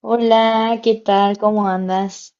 Hola, ¿qué tal? ¿Cómo andas?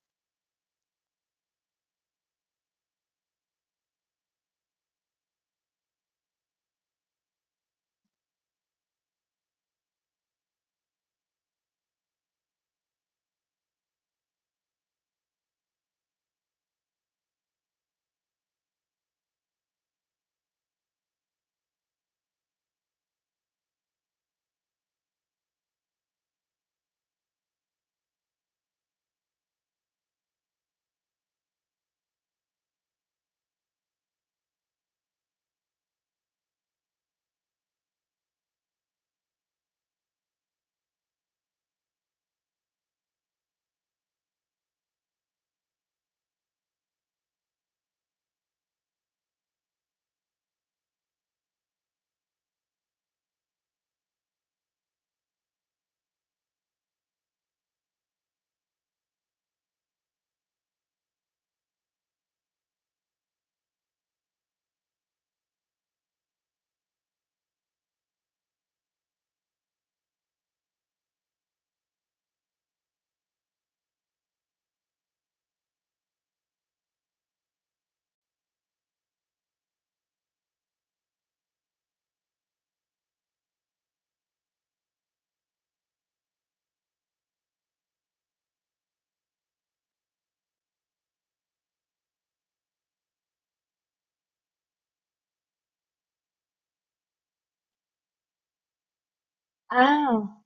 Ah,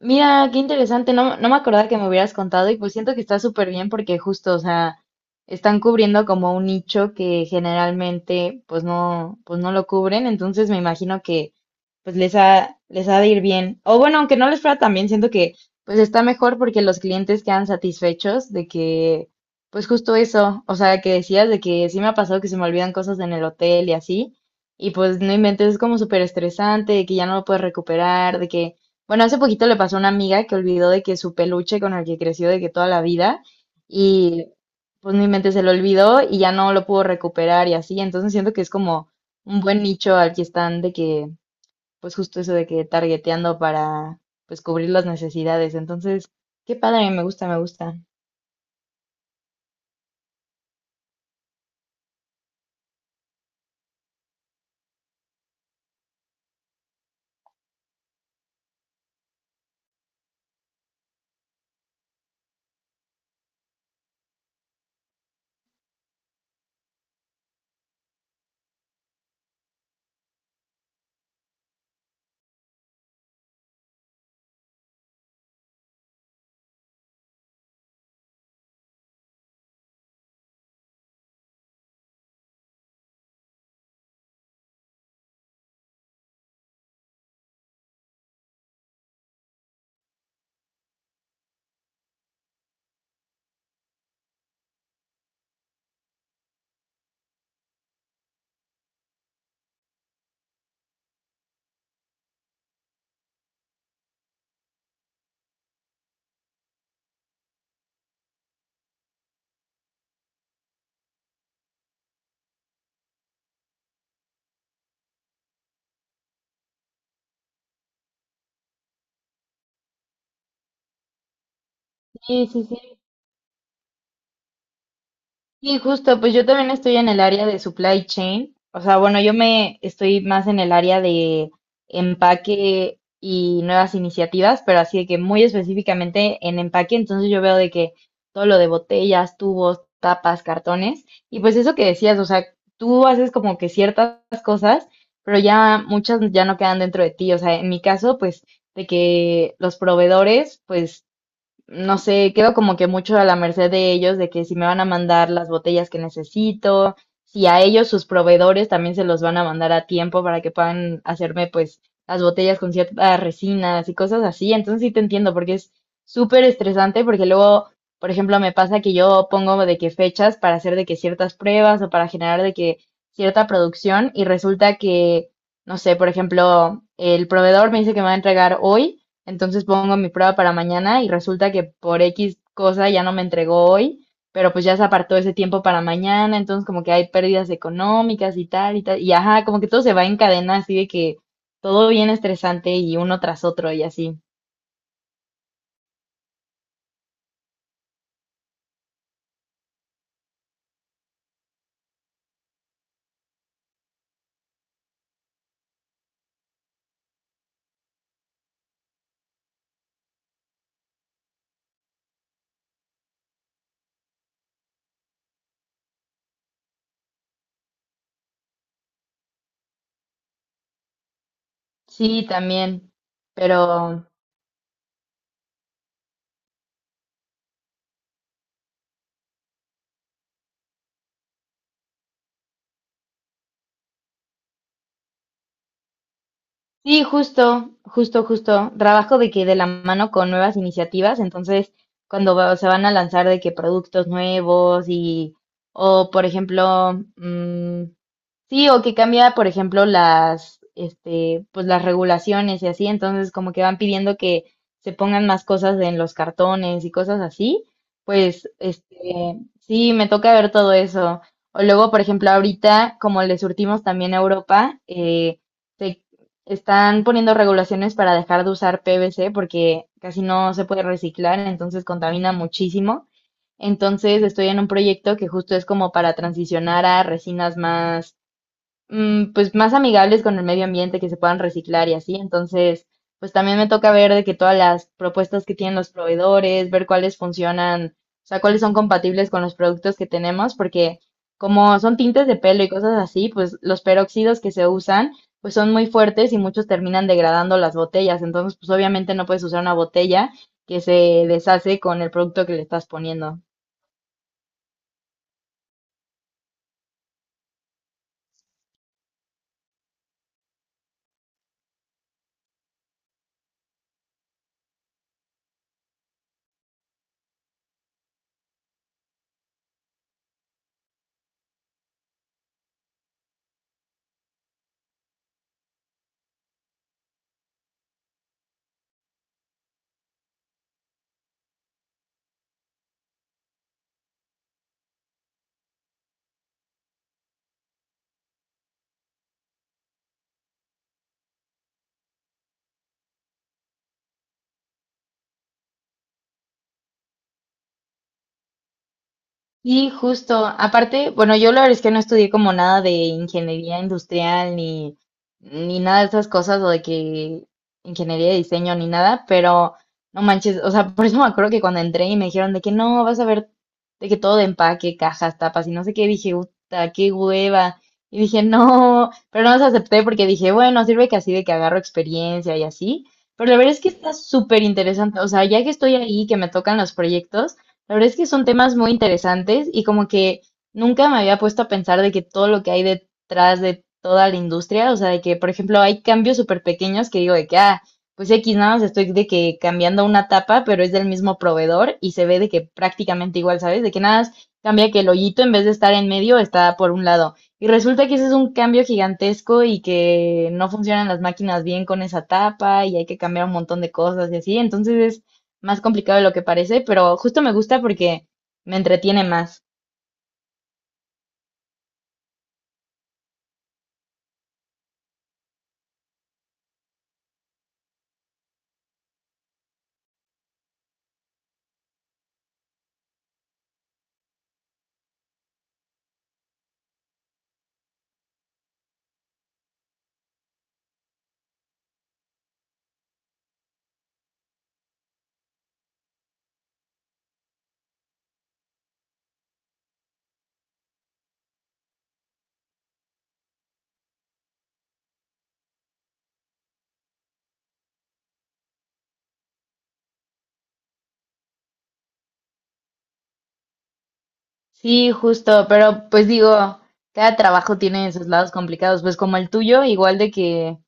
mira, qué interesante. No, no me acordaba que me hubieras contado y pues siento que está súper bien porque justo, o sea, están cubriendo como un nicho que generalmente pues no lo cubren. Entonces me imagino que pues les ha de ir bien. O bueno, aunque no les fuera tan bien, siento que pues está mejor porque los clientes quedan satisfechos de que, pues justo eso, o sea, que decías de que sí me ha pasado que se me olvidan cosas en el hotel y así, y pues no inventes, es como súper estresante, de que ya no lo puedes recuperar, de que, bueno, hace poquito le pasó a una amiga que olvidó de que su peluche con el que creció de que toda la vida, y pues no inventes, se lo olvidó y ya no lo pudo recuperar y así, entonces siento que es como un buen nicho al que están de que pues justo eso de que targeteando para pues cubrir las necesidades. Entonces, qué padre, me gusta, me gusta. Sí, sí, sí. Y justo, pues yo también estoy en el área de supply chain. O sea, bueno, yo me estoy más en el área de empaque y nuevas iniciativas, pero así de que muy específicamente en empaque, entonces yo veo de que todo lo de botellas, tubos, tapas, cartones, y pues eso que decías, o sea, tú haces como que ciertas cosas, pero ya muchas ya no quedan dentro de ti. O sea, en mi caso, pues de que los proveedores, pues no sé, quedo como que mucho a la merced de ellos, de que si me van a mandar las botellas que necesito, si a ellos sus proveedores también se los van a mandar a tiempo para que puedan hacerme pues las botellas con ciertas resinas y cosas así. Entonces sí te entiendo porque es súper estresante porque luego, por ejemplo, me pasa que yo pongo de que fechas para hacer de que ciertas pruebas o para generar de que cierta producción y resulta que, no sé, por ejemplo, el proveedor me dice que me va a entregar hoy entonces pongo mi prueba para mañana y resulta que por X cosa ya no me entregó hoy, pero pues ya se apartó ese tiempo para mañana, entonces como que hay pérdidas económicas y tal y tal. Y ajá, como que todo se va en cadena, así de que todo bien estresante y uno tras otro y así. Sí, también. Pero sí, justo. Trabajo de que de la mano con nuevas iniciativas, entonces cuando se van a lanzar de que productos nuevos y, o por ejemplo, sí, o que cambia, por ejemplo, las, este, pues las regulaciones y así, entonces como que van pidiendo que se pongan más cosas en los cartones y cosas así, pues, este, sí, me toca ver todo eso. O luego, por ejemplo, ahorita, como le surtimos también a Europa, se están poniendo regulaciones para dejar de usar PVC porque casi no se puede reciclar, entonces contamina muchísimo. Entonces estoy en un proyecto que justo es como para transicionar a resinas más pues más amigables con el medio ambiente, que se puedan reciclar y así. Entonces, pues también me toca ver de que todas las propuestas que tienen los proveedores, ver cuáles funcionan, o sea, cuáles son compatibles con los productos que tenemos, porque como son tintes de pelo y cosas así, pues los peróxidos que se usan, pues son muy fuertes y muchos terminan degradando las botellas. Entonces, pues obviamente no puedes usar una botella que se deshace con el producto que le estás poniendo. Y justo. Aparte, bueno, yo la verdad es que no estudié como nada de ingeniería industrial ni, ni nada de esas cosas o de que ingeniería de diseño ni nada, pero no manches, o sea, por eso me acuerdo que cuando entré y me dijeron de que no, vas a ver de que todo de empaque, cajas, tapas y no sé qué, dije, puta, qué hueva. Y dije, no, pero no los acepté porque dije, bueno, sirve que así de que agarro experiencia y así. Pero la verdad es que está súper interesante. O sea, ya que estoy ahí, que me tocan los proyectos, la verdad es que son temas muy interesantes y como que nunca me había puesto a pensar de que todo lo que hay detrás de toda la industria, o sea, de que, por ejemplo, hay cambios súper pequeños que digo de que, ah, pues X nada más estoy de que cambiando una tapa, pero es del mismo proveedor y se ve de que prácticamente igual, ¿sabes? De que nada más cambia que el hoyito en vez de estar en medio está por un lado. Y resulta que ese es un cambio gigantesco y que no funcionan las máquinas bien con esa tapa y hay que cambiar un montón de cosas y así. Entonces es más complicado de lo que parece, pero justo me gusta porque me entretiene más. Sí, justo, pero pues digo, cada trabajo tiene sus lados complicados, pues como el tuyo, igual de que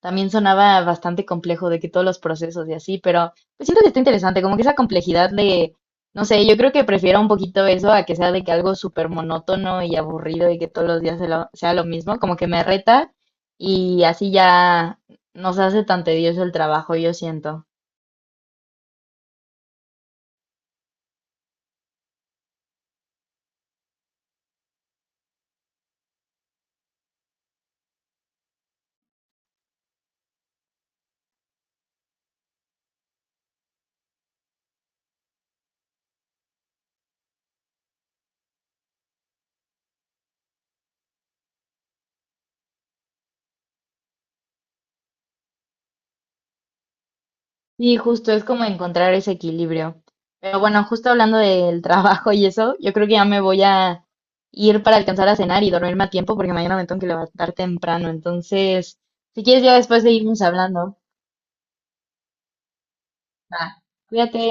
también sonaba bastante complejo, de que todos los procesos y así, pero pues siento que está interesante, como que esa complejidad de, no sé, yo creo que prefiero un poquito eso a que sea de que algo súper monótono y aburrido y que todos los días sea lo mismo, como que me reta y así ya no se hace tan tedioso el trabajo, yo siento. Sí, justo es como encontrar ese equilibrio. Pero bueno, justo hablando del trabajo y eso, yo creo que ya me voy a ir para alcanzar a cenar y dormirme a tiempo porque mañana me tengo que levantar temprano. Entonces, si quieres ya después seguimos hablando. Va, cuídate.